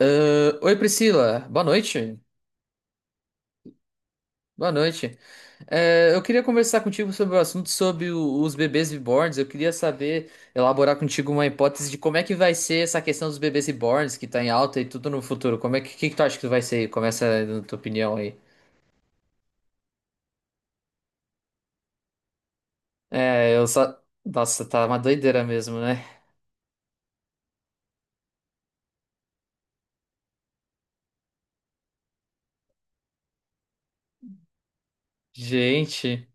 Oi Priscila, boa noite. Boa noite. Eu queria conversar contigo sobre o assunto sobre os bebês reborns. Eu queria saber, elaborar contigo uma hipótese de como é que vai ser essa questão dos bebês reborns que tá em alta e tudo no futuro. Como é que tu acha que vai ser? Começa na tua opinião aí. É, eu só. Nossa, tá uma doideira mesmo, né? Gente.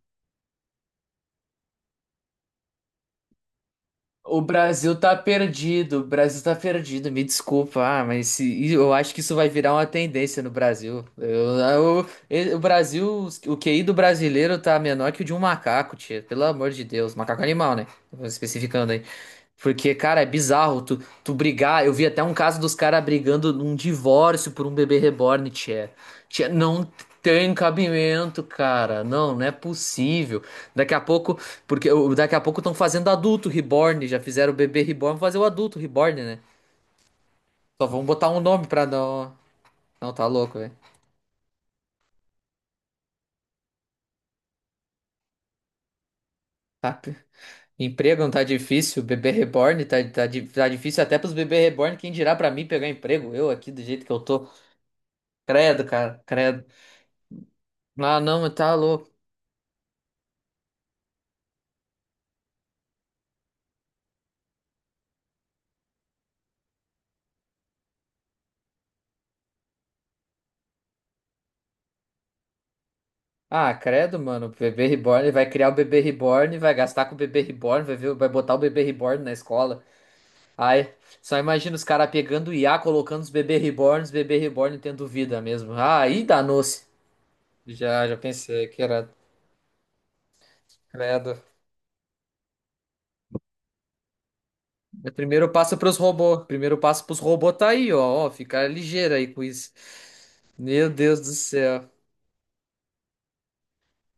O Brasil tá perdido, o Brasil tá perdido, me desculpa, eu acho que isso vai virar uma tendência no Brasil. O Brasil, o QI do brasileiro tá menor que o de um macaco, tia, pelo amor de Deus, macaco animal, né? Vou especificando aí. Porque, cara, é bizarro tu, tu brigar. Eu vi até um caso dos caras brigando num divórcio por um bebê reborn, tia. Tia, não tem cabimento, cara, não, não é possível. Daqui a pouco. Porque daqui a pouco estão fazendo adulto reborn, já fizeram o bebê reborn, vão fazer o adulto reborn, né? Só vão botar um nome pra não. Não, tá louco, velho. Tá... p- Emprego não tá difícil, bebê reborn tá difícil até pros bebê reborn, quem dirá pra mim pegar emprego? Eu aqui do jeito que eu tô. Credo, cara, credo. Ah, não, tá louco. Ah, credo, mano, o bebê reborn, vai criar o bebê reborn, vai gastar com o bebê reborn, vai ver, vai botar o bebê reborn na escola. Ai, só imagina os caras pegando o I a colocando os bebê reborn tendo vida mesmo. Ah, aí danou-se. Já pensei que era. Credo. O primeiro passo pros robôs. Primeiro passo pros robôs tá aí, ó. Ó, fica ligeiro aí com isso. Meu Deus do céu.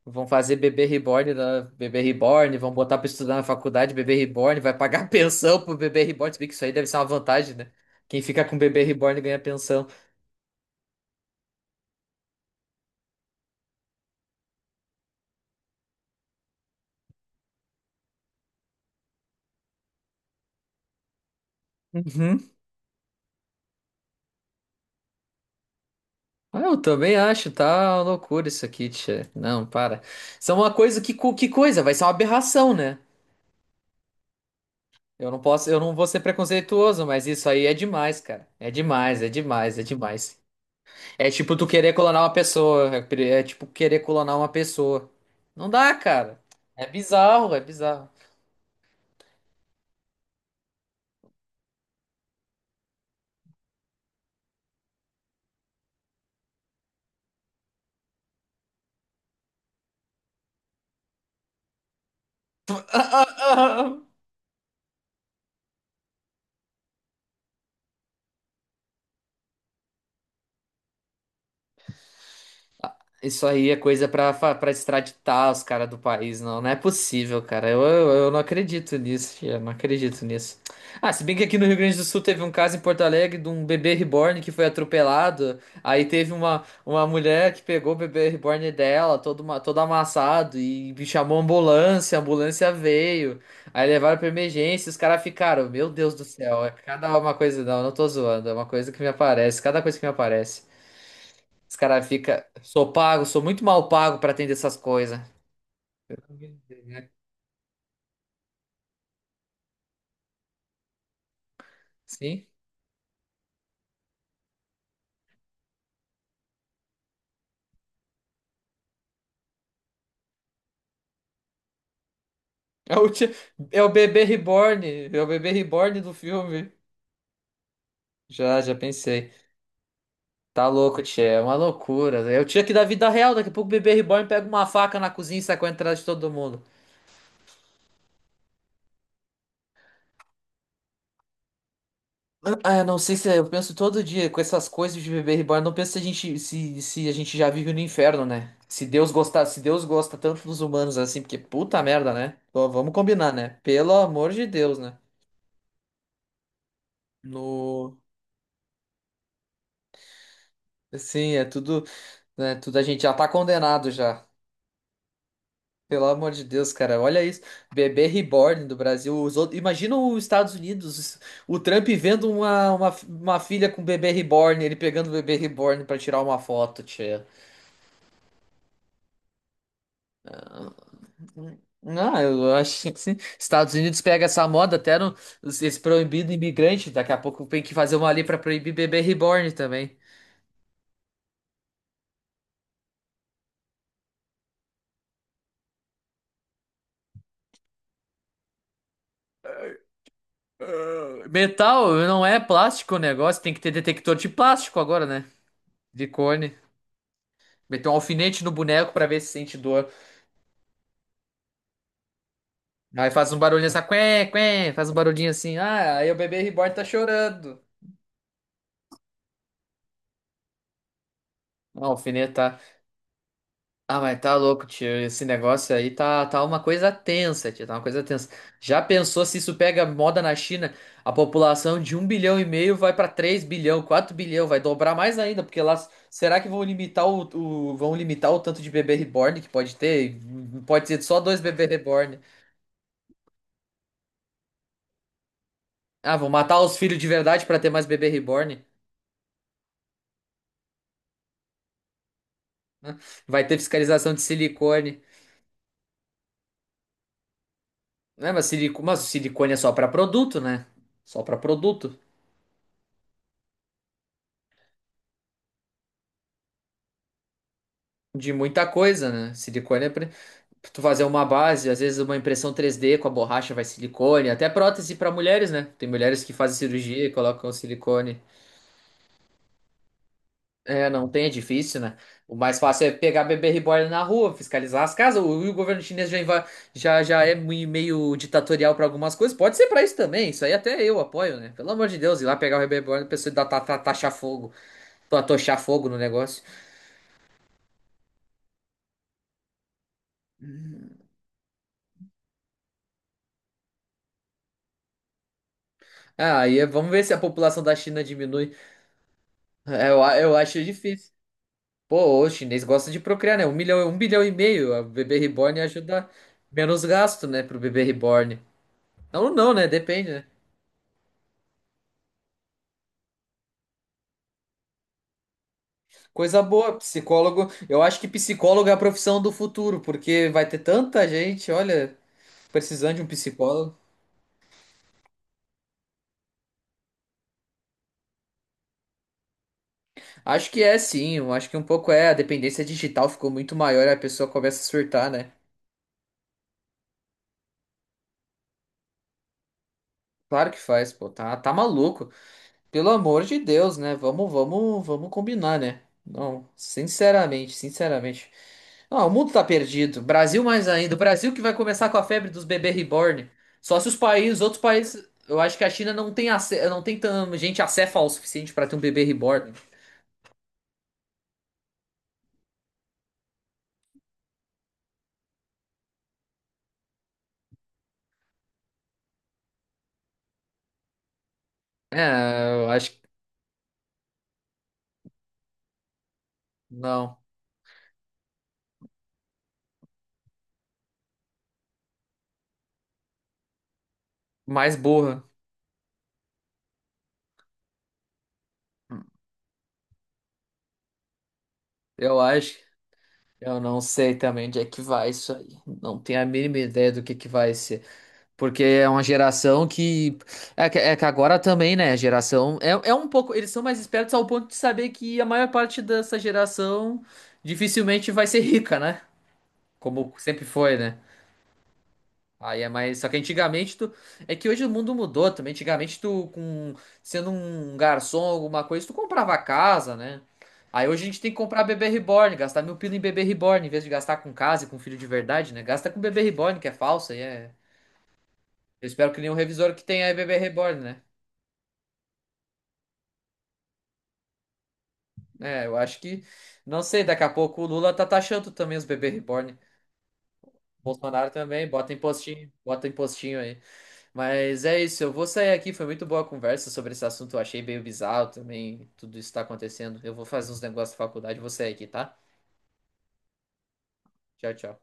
Vão fazer bebê reborn, da bebê reborn, vão botar pra estudar na faculdade, bebê reborn, vai pagar pensão pro bebê reborn. Se bem que isso aí deve ser uma vantagem, né? Quem fica com bebê reborn ganha pensão. Ah, eu também acho, tá uma loucura isso aqui, tia. Não, para. Isso é uma coisa que coisa, vai ser uma aberração, né? Eu não posso, eu não vou ser preconceituoso, mas isso aí é demais, cara. É demais, é demais, é demais. É tipo tu querer clonar uma pessoa, é tipo querer clonar uma pessoa. Não dá, cara. É bizarro, é bizarro. Isso aí é coisa pra extraditar os caras do país, não. Não é possível, cara. Eu não acredito nisso, tia. Não acredito nisso. Ah, se bem que aqui no Rio Grande do Sul teve um caso em Porto Alegre de um bebê reborn que foi atropelado. Aí teve uma mulher que pegou o bebê reborn dela, todo amassado, e chamou a ambulância. A ambulância veio. Aí levaram pra emergência. Os caras ficaram, meu Deus do céu. É cada uma coisa, não. Eu não tô zoando. É uma coisa que me aparece. Cada coisa que me aparece. Os caras ficam. Sou pago, sou muito mal pago pra atender essas coisas. Sim. É o, ti- é o bebê reborn. É o bebê reborn do filme. Já pensei. Tá louco, Tchê, é uma loucura. Eu tinha que da vida real. Daqui a pouco o bebê reborn pega uma faca na cozinha e sai correndo atrás de todo mundo. Ah, eu não sei se eu penso todo dia com essas coisas de bebê reborn. Eu não penso se a gente, se a gente já vive no inferno, né? Se Deus gostar, se Deus gosta tanto dos humanos assim, porque puta merda, né? Pô, vamos combinar, né? Pelo amor de Deus, né? No, assim, é tudo, né, tudo a gente já tá condenado já. Pelo amor de Deus, cara, olha isso. Bebê reborn do Brasil. Os outros, imagina os Estados Unidos, o Trump vendo uma filha com bebê reborn, ele pegando o bebê reborn pra tirar uma foto, tia. Não, eu acho que sim. Estados Unidos pega essa moda até no, esse proibido imigrante. Daqui a pouco tem que fazer uma lei pra proibir bebê reborn também. Metal não é plástico o negócio, tem que ter detector de plástico agora, né? De cone. Meteu um alfinete no boneco pra ver se sente dor. Aí faz um barulhinho assim, quen, quen, faz um barulhinho assim. Ah, aí o bebê reborn tá chorando. Ah, o alfinete tá. Ah, mas tá louco, tio. Esse negócio aí tá uma coisa tensa, tio. Tá uma coisa tensa. Já pensou se isso pega moda na China? A população de 1,5 bilhão vai pra 3 bilhões, 4 bilhões, vai dobrar mais ainda, porque lá será que vão limitar vão limitar o tanto de bebê reborn que pode ter? Pode ser só 2 bebê reborn. Ah, vão matar os filhos de verdade pra ter mais bebê reborn. Né? Vai ter fiscalização de silicone. Mas o silicone é só pra produto, né? Só pra produto. De muita coisa, né? Silicone é pra tu fazer uma base, às vezes uma impressão 3D com a borracha vai silicone, até prótese pra mulheres, né? Tem mulheres que fazem cirurgia e colocam silicone. É, não tem, é difícil, né? O mais fácil é pegar bebê reborn na rua, fiscalizar as casas. O governo chinês já é meio ditatorial pra algumas coisas. Pode ser pra isso também. Isso aí até eu apoio, né? Pelo amor de Deus, ir lá pegar o bebê reborn e a pessoa dar, ta, ta, taxar fogo, pra tochar fogo no negócio. Vamos ver se a população da China diminui. Eu acho difícil. Pô, o chinês gosta de procriar, né? 1 milhão, 1,5 bilhão. O bebê reborn ajuda menos gasto, né, pro bebê reborn. Não, não, né? Depende, né? Coisa boa, psicólogo. Eu acho que psicólogo é a profissão do futuro, porque vai ter tanta gente, olha, precisando de um psicólogo. Acho que é sim, eu acho que um pouco é. A dependência digital ficou muito maior e a pessoa começa a surtar, né? Claro que faz, pô, tá, tá maluco. Pelo amor de Deus, né? Vamos combinar, né? Não, sinceramente, sinceramente. Ah, o mundo tá perdido. Brasil mais ainda. O Brasil que vai começar com a febre dos bebês reborn. Só se os países, outros países, eu acho que a China não tem não tem tanta gente acéfala o suficiente pra ter um bebê reborn. É, eu acho que não. Mais burra, eu acho. Eu não sei também onde é que vai isso aí. Não tenho a mínima ideia do que vai ser. Porque é uma geração que. É que agora também, né? A geração. É, é um pouco. Eles são mais espertos ao ponto de saber que a maior parte dessa geração dificilmente vai ser rica, né? Como sempre foi, né? Aí é mais. Só que antigamente tu. É que hoje o mundo mudou também. Antigamente tu, com... sendo um garçom, alguma coisa, tu comprava casa, né? Aí hoje a gente tem que comprar bebê reborn, gastar 1.000 pila em bebê reborn, em vez de gastar com casa e com filho de verdade, né? Gasta com bebê reborn, que é falso, aí é. Eu espero que nenhum revisor que tenha bebê reborn, né? É, eu acho que, não sei, daqui a pouco o Lula tá taxando também os bebê reborn. Bolsonaro também, bota impostinho aí. Mas é isso, eu vou sair aqui, foi muito boa a conversa sobre esse assunto, eu achei meio bizarro também, tudo isso tá acontecendo. Eu vou fazer uns negócios da faculdade, vou sair aqui, tá? Tchau, tchau.